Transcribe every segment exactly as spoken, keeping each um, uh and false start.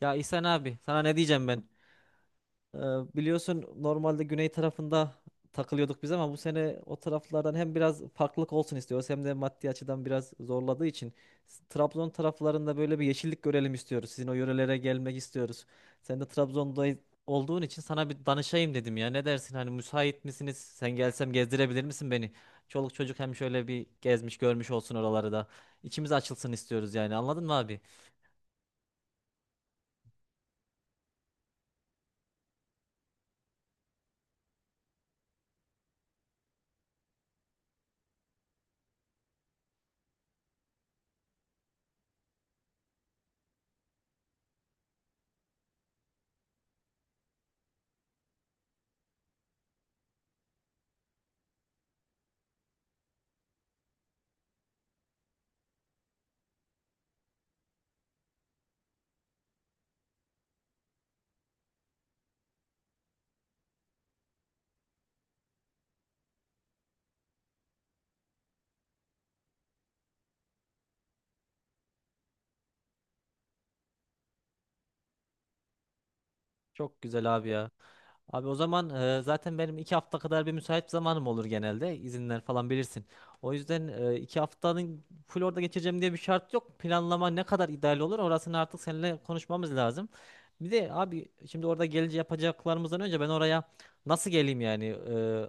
Ya İhsan abi sana ne diyeceğim ben? Ee, Biliyorsun normalde güney tarafında takılıyorduk biz ama bu sene o taraflardan hem biraz farklılık olsun istiyoruz hem de maddi açıdan biraz zorladığı için s- Trabzon taraflarında böyle bir yeşillik görelim istiyoruz. Sizin o yörelere gelmek istiyoruz. Sen de Trabzon'da olduğun için sana bir danışayım dedim ya. Ne dersin hani müsait misiniz? Sen gelsem gezdirebilir misin beni? Çoluk çocuk hem şöyle bir gezmiş görmüş olsun oraları da. İçimiz açılsın istiyoruz yani anladın mı abi? Çok güzel abi ya. Abi o zaman e, zaten benim iki hafta kadar bir müsait zamanım olur genelde. İzinler falan bilirsin. O yüzden e, iki haftanın full orada geçireceğim diye bir şart yok. Planlama ne kadar ideal olur orasını artık seninle konuşmamız lazım. Bir de abi şimdi orada gelici yapacaklarımızdan önce ben oraya nasıl geleyim yani? E,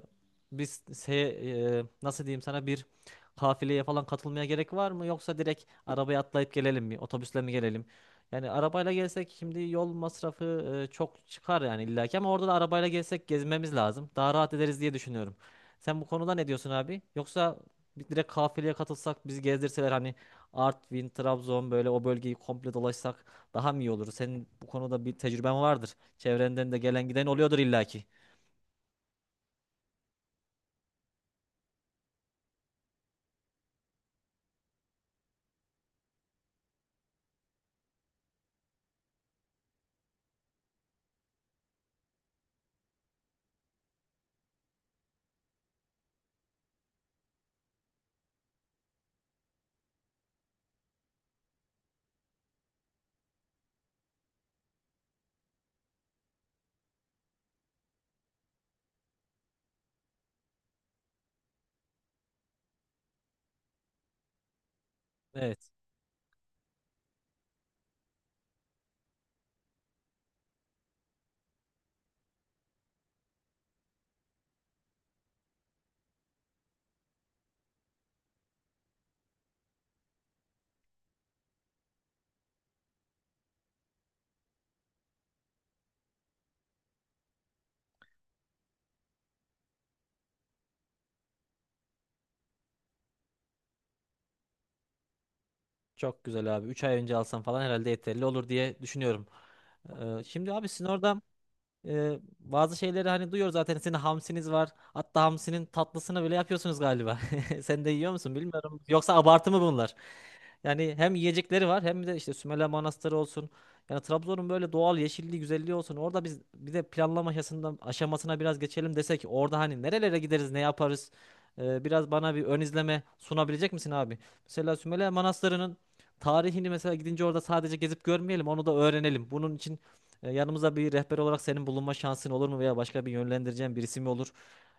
biz se- e, Nasıl diyeyim sana bir kafileye falan katılmaya gerek var mı? Yoksa direkt arabaya atlayıp gelelim mi? Otobüsle mi gelelim? Yani arabayla gelsek şimdi yol masrafı e, çok çıkar yani illaki ama orada da arabayla gelsek gezmemiz lazım. Daha rahat ederiz diye düşünüyorum. Sen bu konuda ne diyorsun abi? Yoksa bir- direkt kafileye katılsak bizi gezdirseler hani Artvin, Trabzon böyle o bölgeyi komple dolaşsak daha mı iyi olur? Senin bu konuda bir tecrüben vardır. Çevrenden de gelen giden oluyordur illaki. Evet. Çok güzel abi. üç ay önce alsam falan herhalde yeterli olur diye düşünüyorum. Ee, şimdi abi sizin orada Ee, bazı şeyleri hani duyuyoruz zaten sizin hamsiniz var. Hatta hamsinin tatlısını bile yapıyorsunuz galiba. Sen de yiyor musun bilmiyorum. Yoksa abartı mı bunlar? Yani hem yiyecekleri var hem de işte Sümele Manastırı olsun. Yani Trabzon'un böyle doğal yeşilliği, güzelliği olsun. Orada biz bir de planlama aşamasından aşamasına biraz geçelim desek orada hani nerelere gideriz, ne yaparız? Ee, biraz bana bir ön izleme sunabilecek misin abi? Mesela Sümele Manastırı'nın tarihini mesela gidince orada sadece gezip görmeyelim, onu da öğrenelim. Bunun için e, yanımıza bir rehber olarak senin bulunma şansın olur mu veya başka bir yönlendireceğin birisi mi olur?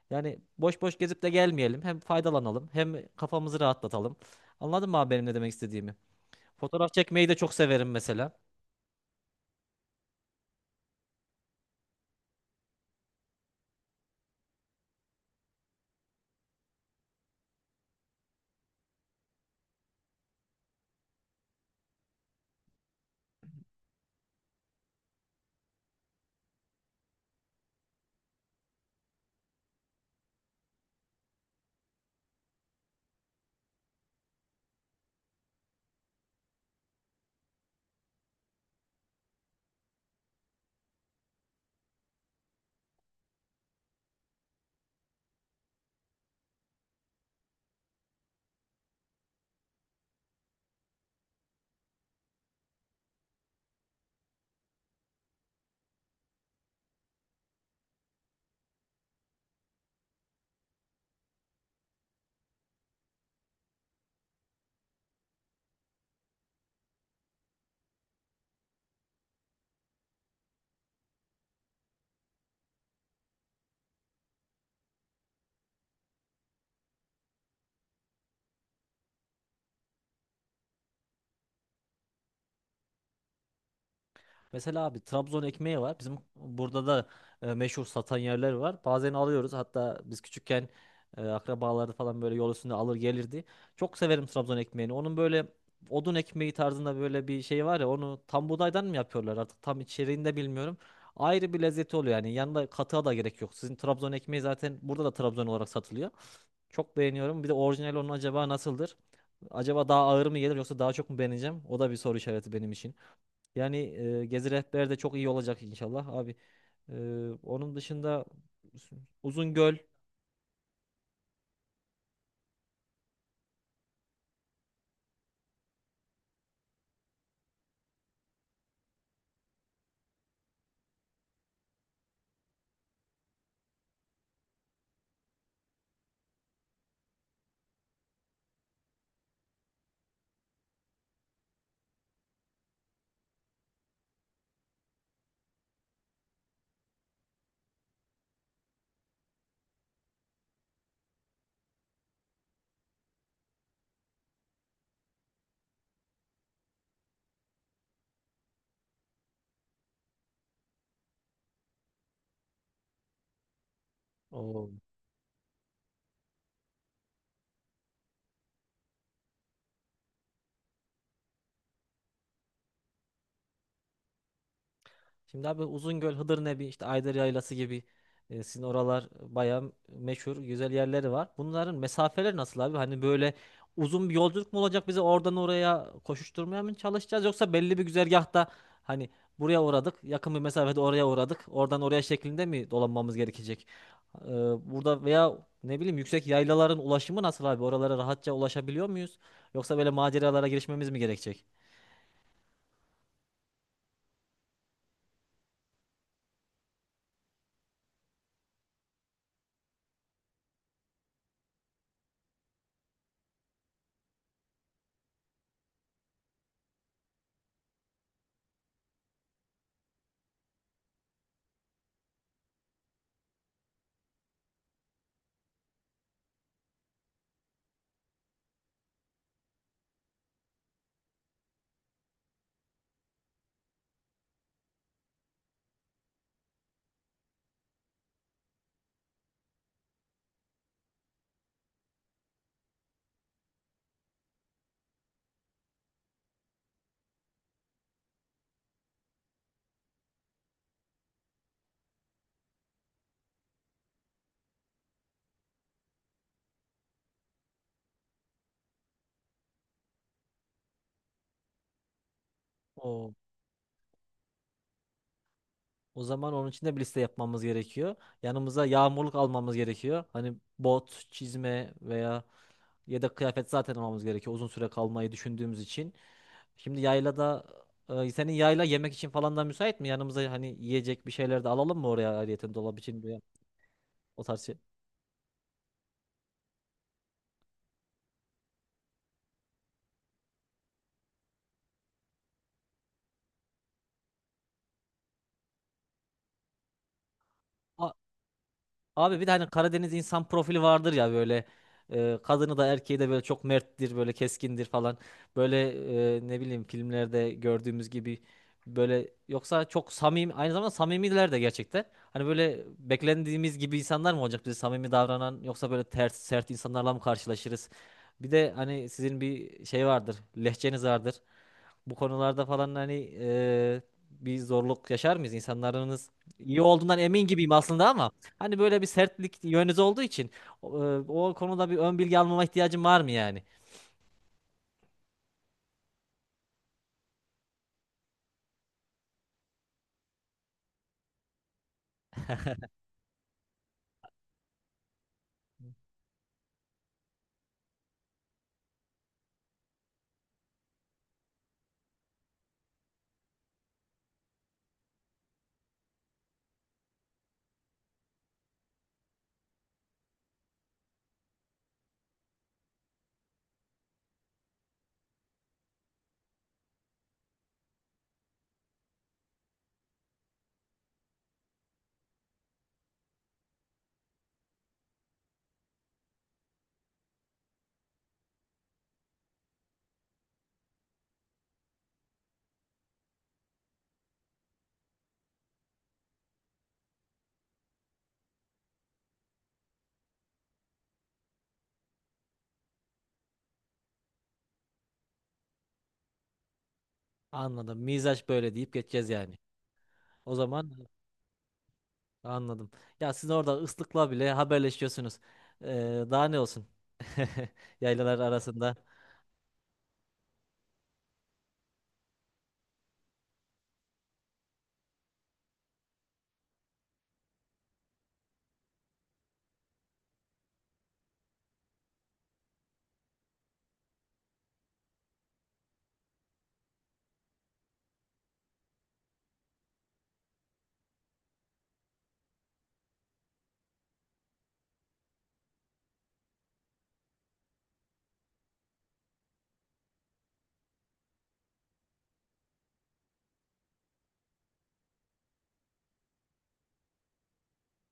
Yani boş boş gezip de gelmeyelim. Hem faydalanalım, hem kafamızı rahatlatalım. Anladın mı abi benim ne demek istediğimi? Fotoğraf çekmeyi de çok severim mesela. Mesela abi Trabzon ekmeği var. Bizim burada da e, meşhur satan yerler var. Bazen alıyoruz. Hatta biz küçükken e, akrabaları falan böyle yol üstünde alır gelirdi. Çok severim Trabzon ekmeğini. Onun böyle odun ekmeği tarzında böyle bir şey var ya onu tam buğdaydan mı yapıyorlar artık tam içeriğini de bilmiyorum. Ayrı bir lezzeti oluyor yani yanında katığa da gerek yok. Sizin Trabzon ekmeği zaten burada da Trabzon olarak satılıyor. Çok beğeniyorum. Bir de orijinal onun acaba nasıldır? Acaba daha ağır mı gelir yoksa daha çok mu beğeneceğim? O da bir soru işareti benim için. Yani e, Gezi Rehber de çok iyi olacak inşallah abi. E, Onun dışında Uzungöl. Oo. Şimdi abi Uzungöl, Hıdır Nebi, işte Ayder Yaylası gibi e, sizin oralar bayağı meşhur, güzel yerleri var. Bunların mesafeleri nasıl abi? Hani böyle uzun bir yolculuk mu olacak bize oradan oraya koşuşturmaya mı çalışacağız? Yoksa belli bir güzergahta hani buraya uğradık, yakın bir mesafede oraya uğradık, oradan oraya şeklinde mi dolanmamız gerekecek? Ee, Burada veya ne bileyim yüksek yaylaların ulaşımı nasıl abi? Oralara rahatça ulaşabiliyor muyuz? Yoksa böyle maceralara girişmemiz mi gerekecek? O zaman onun için de bir liste yapmamız gerekiyor. Yanımıza yağmurluk almamız gerekiyor. Hani bot, çizme veya yedek kıyafet zaten almamız gerekiyor uzun süre kalmayı düşündüğümüz için. Şimdi yaylada e, senin yayla yemek için falan da müsait mi? Yanımıza hani yiyecek bir şeyler de alalım mı oraya ayrıyeten dolap için veya o tarz şey. Abi bir de hani Karadeniz insan profili vardır ya böyle e, kadını da erkeği de böyle çok merttir böyle keskindir falan. Böyle e, ne bileyim filmlerde gördüğümüz gibi böyle yoksa çok samimi aynı zamanda samimiler de gerçekten. Hani böyle beklendiğimiz gibi insanlar mı olacak bize samimi davranan yoksa böyle ters sert insanlarla mı karşılaşırız? Bir de hani sizin bir şey vardır lehçeniz vardır. Bu konularda falan hani e, bir zorluk yaşar mıyız? İnsanlarınız iyi olduğundan emin gibiyim aslında ama hani böyle bir sertlik yönünüz olduğu için o, e, o konuda bir ön bilgi almama ihtiyacım var mı yani? Anladım. Mizaç böyle deyip geçeceğiz yani. O zaman anladım. Ya siz orada ıslıkla bile haberleşiyorsunuz. E, Daha ne olsun? Yaylalar arasında.